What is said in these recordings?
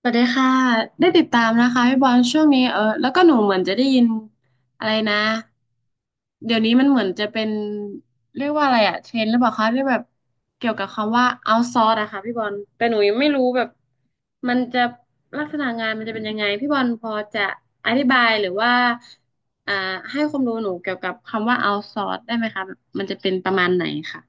สวัสดีค่ะได้ติดตามนะคะพี่บอลช่วงนี้แล้วก็หนูเหมือนจะได้ยินอะไรนะเดี๋ยวนี้มันเหมือนจะเป็นเรียกว่าอะไรอะเทรนด์หรือเปล่าคะที่แบบเกี่ยวกับคำว่า outsource อะค่ะพี่บอลแต่หนูยังไม่รู้แบบมันจะลักษณะงานมันจะเป็นยังไงพี่บอลพอจะอธิบายหรือว่าอ่าให้ความรู้หนูเกี่ยวกับคำว่า outsource ได้ไหมคะแบบมันจะเป็นประมาณไหนค่ะ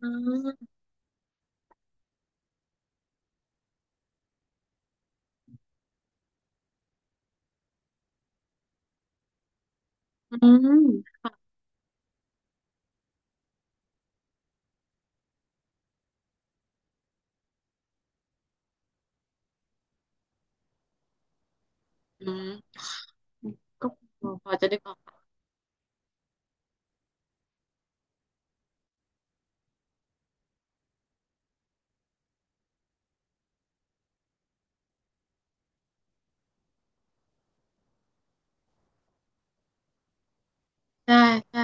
อืมอืมอืมก็พอจะได้ ใช่ใช่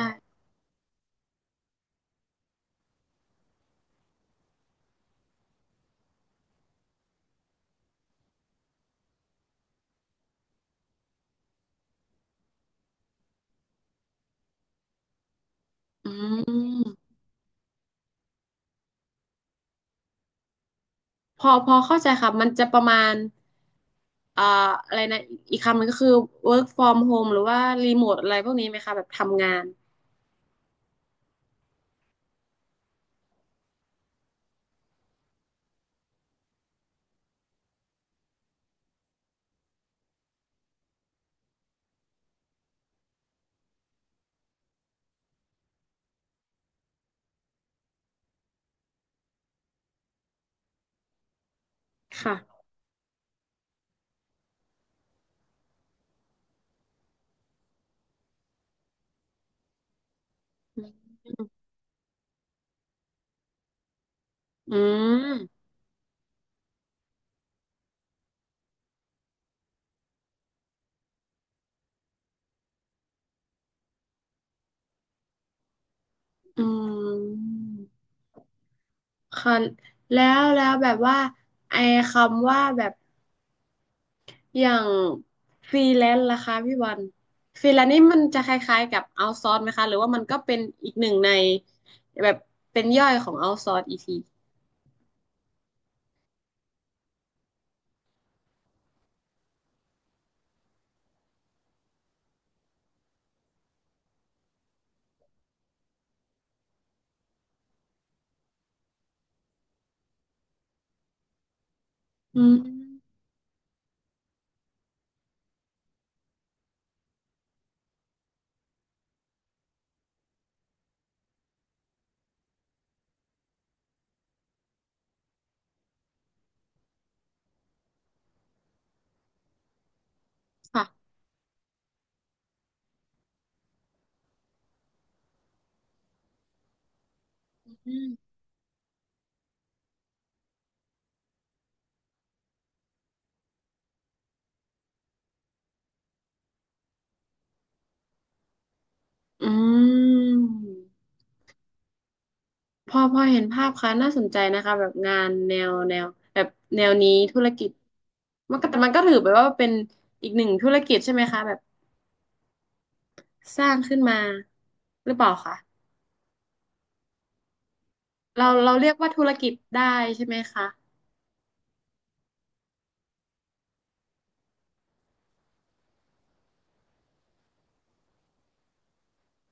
อืมพอเข้าใจค่ะมันจะประมาณอ่าอะไรนะอีกคำหนึ่งก็คือ work from home หรือว่า remote อะไรพวกนี้ไหมคะแบบทำงานค่ะอืมอืมค่ะแล้วแบบว่าไอ้คำว่าแบบอย่างฟรีแลนซ์ล่ะคะพี่วันฟรีแลนซ์นี่มันจะคล้ายๆกับเอา s ซอร์สไหมคะหรือว่ามันก็เป็นอีกหนึ่งในแบบเป็นย่อยของเอา s ซอร์สอีกทีอืมค่ะ อืมพอเห็นภาพค่ะน่าสนใจนะคะแบบงานแนวแบบแนวนี้ธุรกิจมันก็แต่มันก็ถือไปว่าเป็นอีกหนึ่งธุรกิจใช่ไหมคะแบบสร้างขึ้นมาหรือเปล่าคะเราเรียกว่าธุรกิจได้ใช่ไหมคะ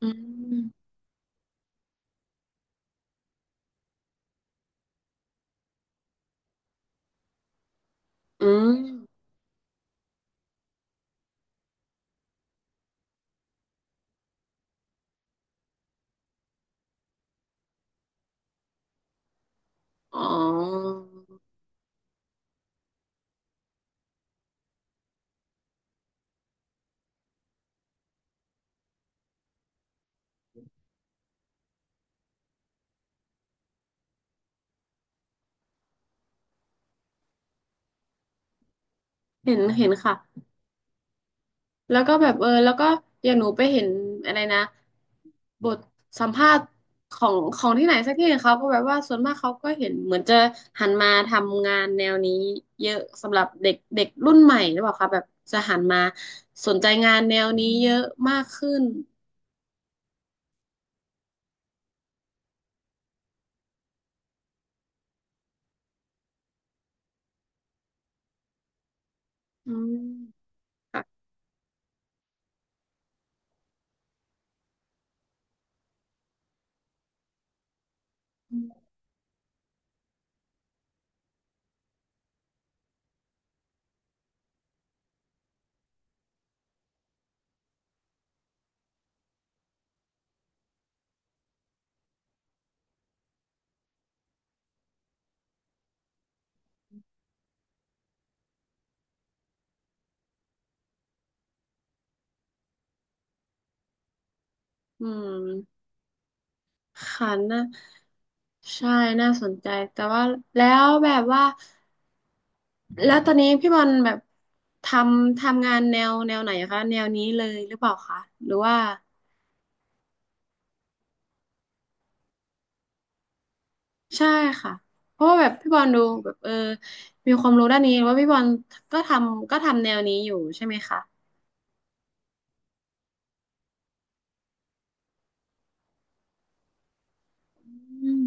อืมอืมอ๋อเห็นเห็นค่ะ แล้วก็แบบแล้วก็อย่างหนูไปเห็นอะไรนะบทสัมภาษณ์ของของที่ไหนสักที่หนึ่งเขาก็แบบว่าส่วนมากเขาก็เห็นเหมือนจะหันมาทำงานแนวนี้เยอะสำหรับเด็กเด็กรุ่นใหม่หรือเปล่าคะแบบจะหันมาสนใจงานแนวนี้เยอะมากขึ้นอืมอืมค่ะนะใช่น่าสนใจแต่ว่าแล้วแบบว่า แล้วตอนนี้พี่บอลแบบททำงานแนวไหนอะคะแนวนี้เลยหรือเปล่าคะหรือว่าใช่ค่ะเพราะว่าแบบพี่บอลดูแบบมีความรู้ด้านนี้ว่าพี่บอลก็ทำแนวนี้อยู่ใช่ไหมคะอืม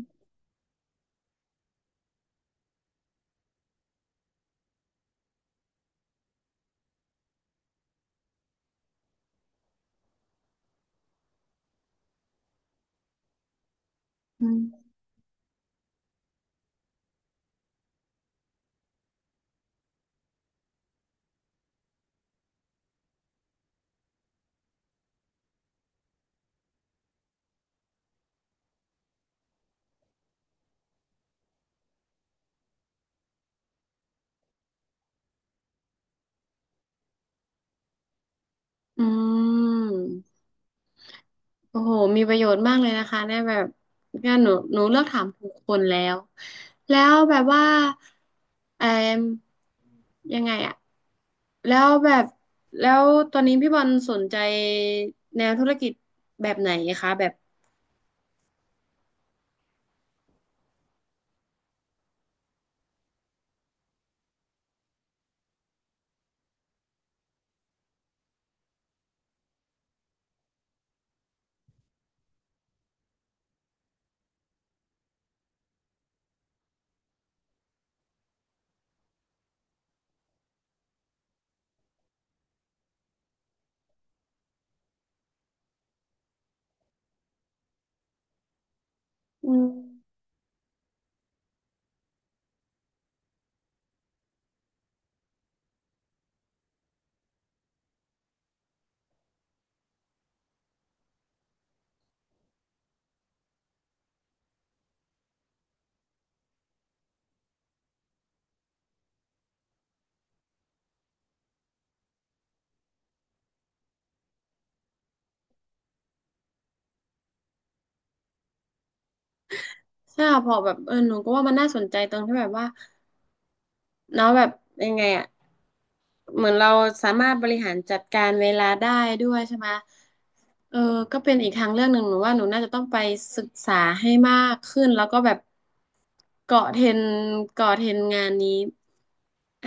อืมอืม โอ้โห มีประโยชน์มากเลยนะคะเนี่ยแบบเนี่ยหนูเลือกถามถูกคนแล้ว แล้วแบบว่าเอมยังไงอะ แล้วแบบ แล้วตอนนี้พี่บอลสนใจแนวธุรกิจแบบไหนคะแบบอืมใช่ค่ะพอแบบหนูก็ว่ามันน่าสนใจตรงที่แบบว่า เนาะแบบยังไงอะเหมือนเราสามารถบริหารจัดการเวลาได้ด้วยใช่ไหมเออก็เป็นอีกทางเรื่องหนึ่งหนูว่าหนูน่าจะต้องไปศึกษาให้มากขึ้นแล้วก็แบบเกาะเทรนเกาะเทรนงานนี้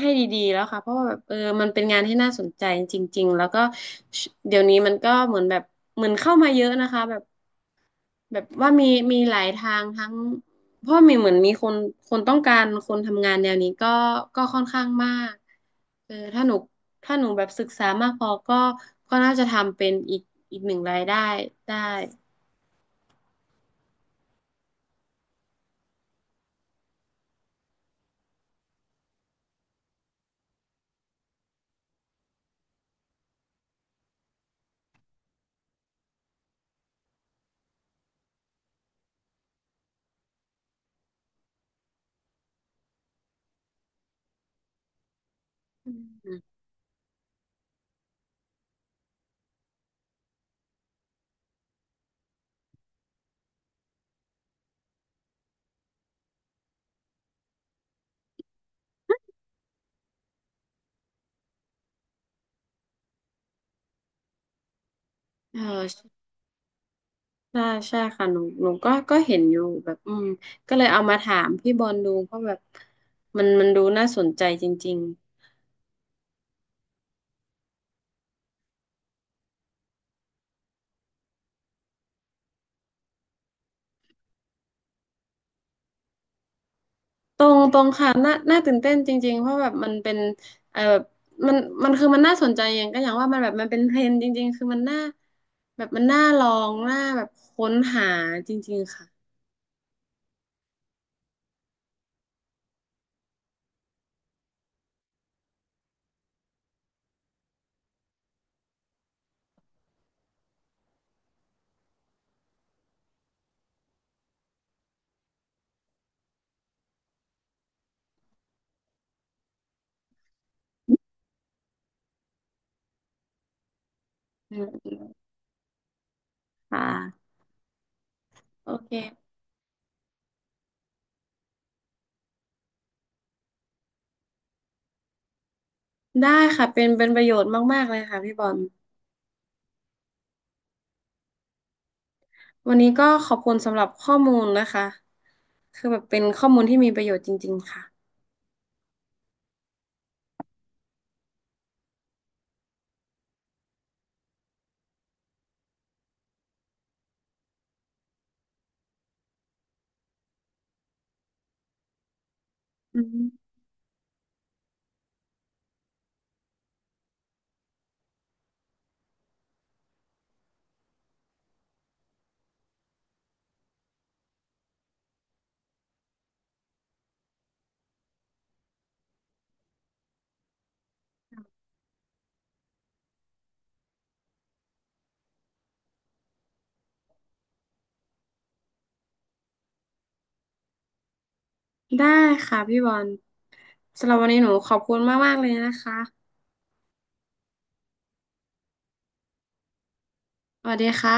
ให้ดีๆแล้วค่ะเพราะว่าแบบมันเป็นงานที่น่าสนใจจริงๆแล้วก็เดี๋ยวนี้มันก็เหมือนแบบเหมือนเข้ามาเยอะนะคะแบบ แบบว่ามีหลายทางทั้งเพราะมีเหมือนมีคนต้องการคนทำงานแนวนี้ก็ก็ค่อนข้างมากถ้าหนูแบบศึกษามากพอก็น่าจะทำเป็นอีกหนึ่งรายได้ได้อืมเออใช่ใช่ค่ะหนูก็เห็นอยู่แบบอืมก็เลยเอามาถามพี่บอลดูเพราะแบบมันดูน่าสนใจจริงๆ ตรงตรงค่ะน่าตื่นเต้นจริงๆเพราะแบบมันเป็นแบบมันมันคือมันน่าสนใจอย่างก็อย่างว่ามันแบบมันเป็นเทรนด์จริงๆคือมันน่าแบบมันน่าลองน่าแบบค้นหาจริงๆค่ะอืมค่ะโอเคได้ค่ะเป็นประโยชน์มากๆเลยค่ะพี่บอลวันนี้ก็ขอบคุณสำหรับข้อมูลนะคะคือแบบเป็นข้อมูลที่มีประโยชน์จริงๆค่ะอืมได้ค่ะพี่บอลสำหรับวันนี้หนูขอบคุณมากๆเลยนะคะสวัสดีค่ะ